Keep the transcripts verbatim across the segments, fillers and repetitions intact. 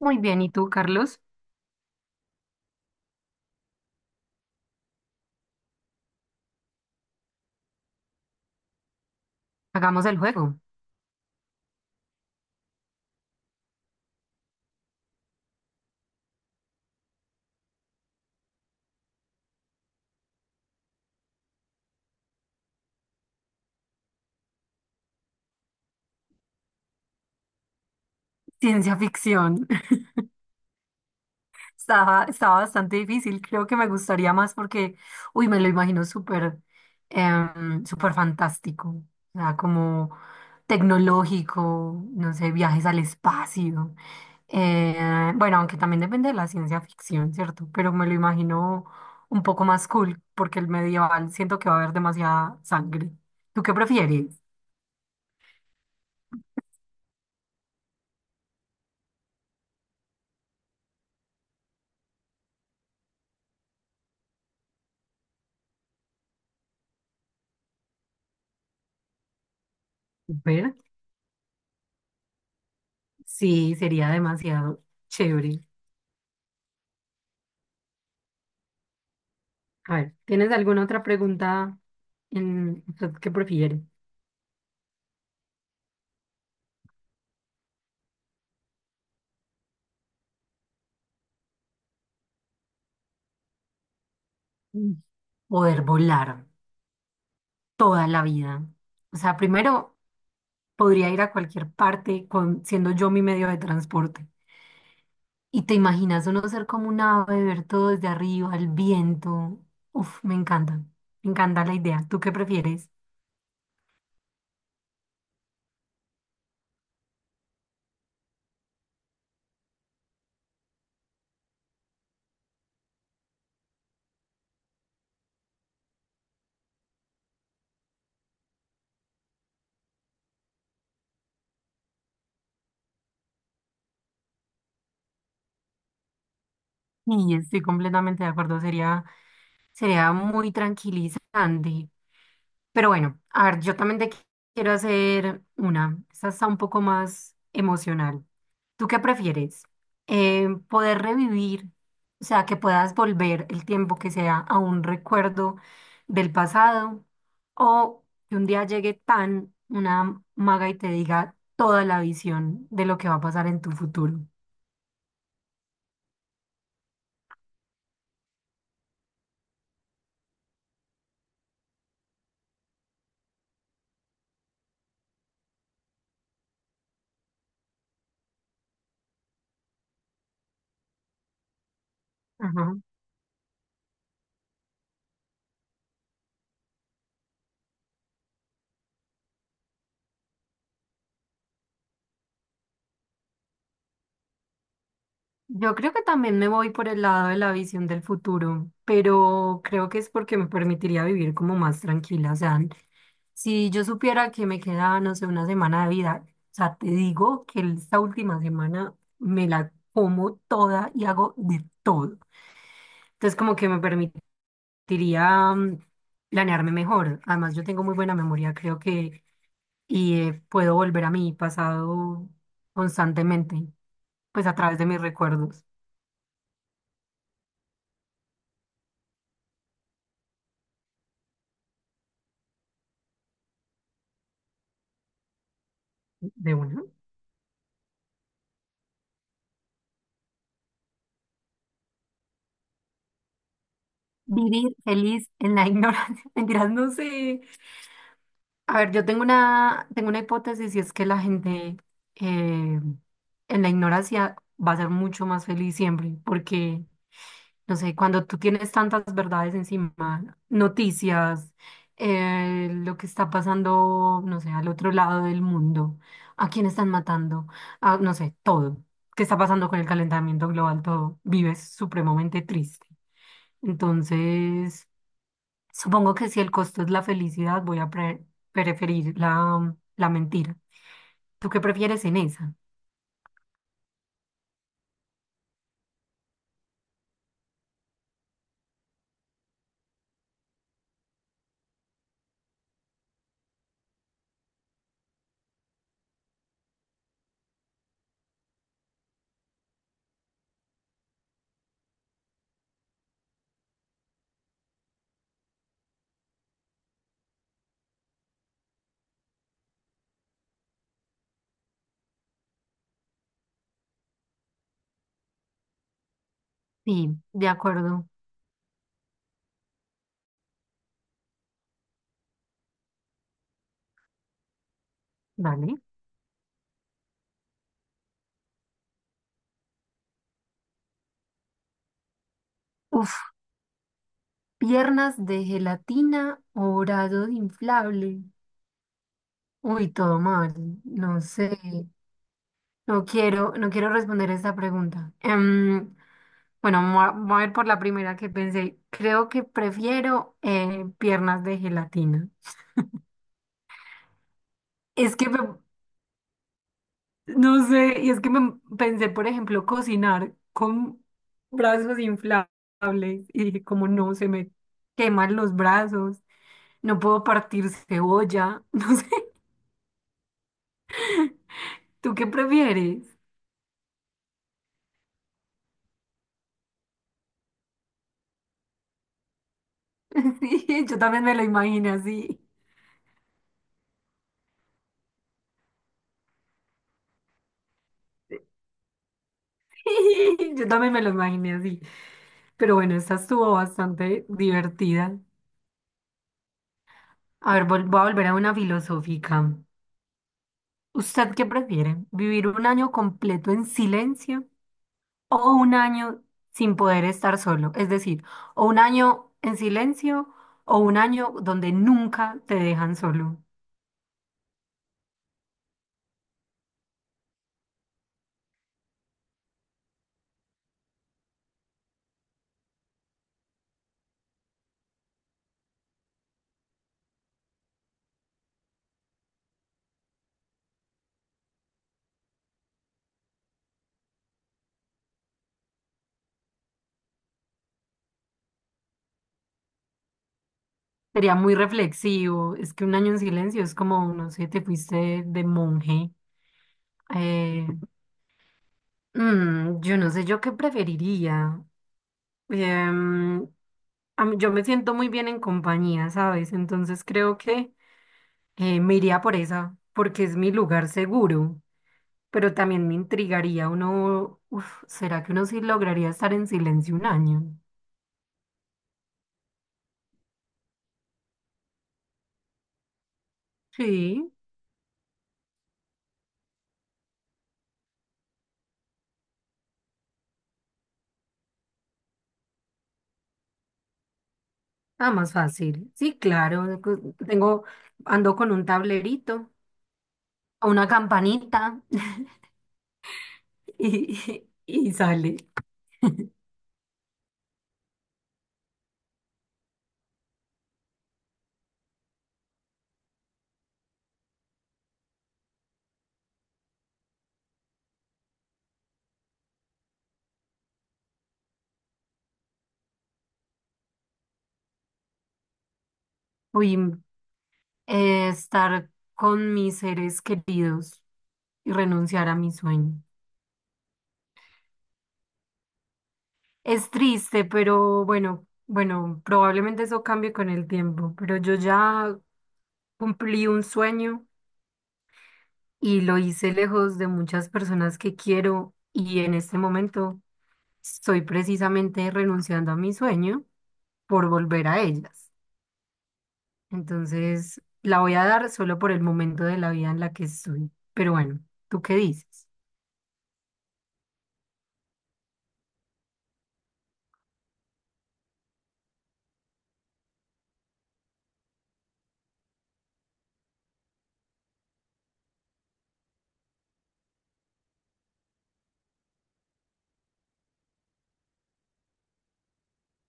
Muy bien, ¿y tú, Carlos? Hagamos el juego. Ciencia ficción. Estaba, estaba bastante difícil. Creo que me gustaría más porque, uy, me lo imagino súper, em, súper fantástico. O sea, como tecnológico, no sé, viajes al espacio. Eh, bueno, aunque también depende de la ciencia ficción, ¿cierto? Pero me lo imagino un poco más cool porque el medieval siento que va a haber demasiada sangre. ¿Tú qué prefieres? Súper. Sí, sería demasiado chévere. A ver, ¿tienes alguna otra pregunta en qué prefieres? Mm. Poder volar toda la vida. O sea, primero podría ir a cualquier parte con, siendo yo mi medio de transporte. Y te imaginas uno ser como un ave, ver todo desde arriba, el viento. Uf, me encanta. Me encanta la idea. ¿Tú qué prefieres? Y estoy completamente de acuerdo. Sería, sería muy tranquilizante. Pero bueno, a ver, yo también te qui- quiero hacer una. Esta está un poco más emocional. ¿Tú qué prefieres? Eh, ¿poder revivir, o sea, que puedas volver el tiempo que sea a un recuerdo del pasado? ¿O que un día llegue tan una maga y te diga toda la visión de lo que va a pasar en tu futuro? Yo creo que también me voy por el lado de la visión del futuro, pero creo que es porque me permitiría vivir como más tranquila. O sea, si yo supiera que me queda, no sé, una semana de vida, o sea, te digo que esta última semana me la como toda y hago de todo. Entonces, como que me permitiría mm, planearme mejor. Además, yo tengo muy buena memoria, creo que, y eh, puedo volver a mi pasado constantemente, pues a través de mis recuerdos de uno. Vivir feliz en la ignorancia. Mentiras, no sé. A ver, yo tengo una, tengo una hipótesis y es que la gente eh, en la ignorancia va a ser mucho más feliz siempre, porque, no sé, cuando tú tienes tantas verdades encima, noticias, eh, lo que está pasando, no sé, al otro lado del mundo, a quién están matando, a, no sé, todo, qué está pasando con el calentamiento global, todo, vives supremamente triste. Entonces, supongo que si el costo es la felicidad, voy a pre- preferir la, la mentira. ¿Tú qué prefieres en esa? Sí, de acuerdo. Dale. Uf, piernas de gelatina o brazos inflable. Uy, todo mal. No sé. No quiero, no quiero responder esta pregunta. Em, bueno, me voy a me voy a ir por la primera que pensé. Creo que prefiero eh, piernas de gelatina. Es que me- No sé, y es que me pensé, por ejemplo, cocinar con brazos inflables y dije, como no, se me queman los brazos, no puedo partir cebolla, no sé, ¿tú qué prefieres? Sí, yo también me lo imaginé así. Yo también me lo imaginé así. Pero bueno, esta estuvo bastante divertida. A ver, vol- voy a volver a una filosófica. ¿Usted qué prefiere? ¿Vivir un año completo en silencio, o un año sin poder estar solo? Es decir, o un año en silencio o un año donde nunca te dejan solo. Sería muy reflexivo, es que un año en silencio es como, no sé, te fuiste de monje. Eh, mm, yo no sé, yo qué preferiría. Em, a mí- yo me siento muy bien en compañía, ¿sabes? Entonces creo que eh, me iría por esa, porque es mi lugar seguro. Pero también me intrigaría uno, uf, ¿será que uno sí lograría estar en silencio un año? Sí, ah, más fácil. Sí, claro, cu- tengo, ando con un tablerito, una campanita y, y sale. Uy, eh, estar con mis seres queridos y renunciar a mi sueño. Es triste, pero bueno, bueno, probablemente eso cambie con el tiempo, pero yo ya cumplí un sueño, y lo hice lejos de muchas personas que quiero y en este momento estoy precisamente renunciando a mi sueño por volver a ellas. Entonces, la voy a dar solo por el momento de la vida en la que estoy. Pero bueno, ¿tú qué dices?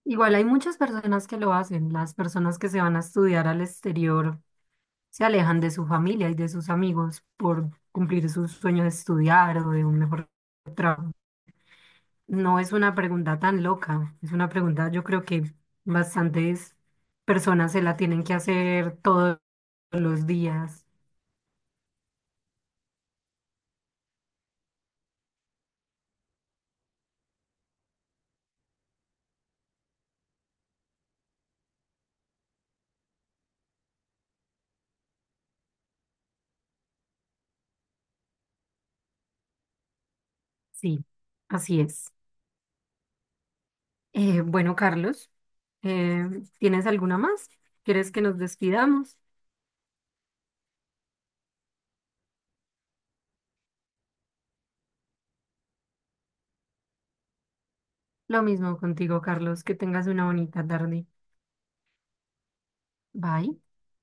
Igual hay muchas personas que lo hacen. Las personas que se van a estudiar al exterior se alejan de su familia y de sus amigos por cumplir sus sueños de estudiar o de un mejor trabajo. No es una pregunta tan loca, es una pregunta yo creo que bastantes personas se la tienen que hacer todos los días. Sí, así es. Eh, bueno, Carlos, eh, ¿tienes alguna más? ¿Quieres que nos despidamos? Lo mismo contigo, Carlos, que tengas una bonita tarde. Bye.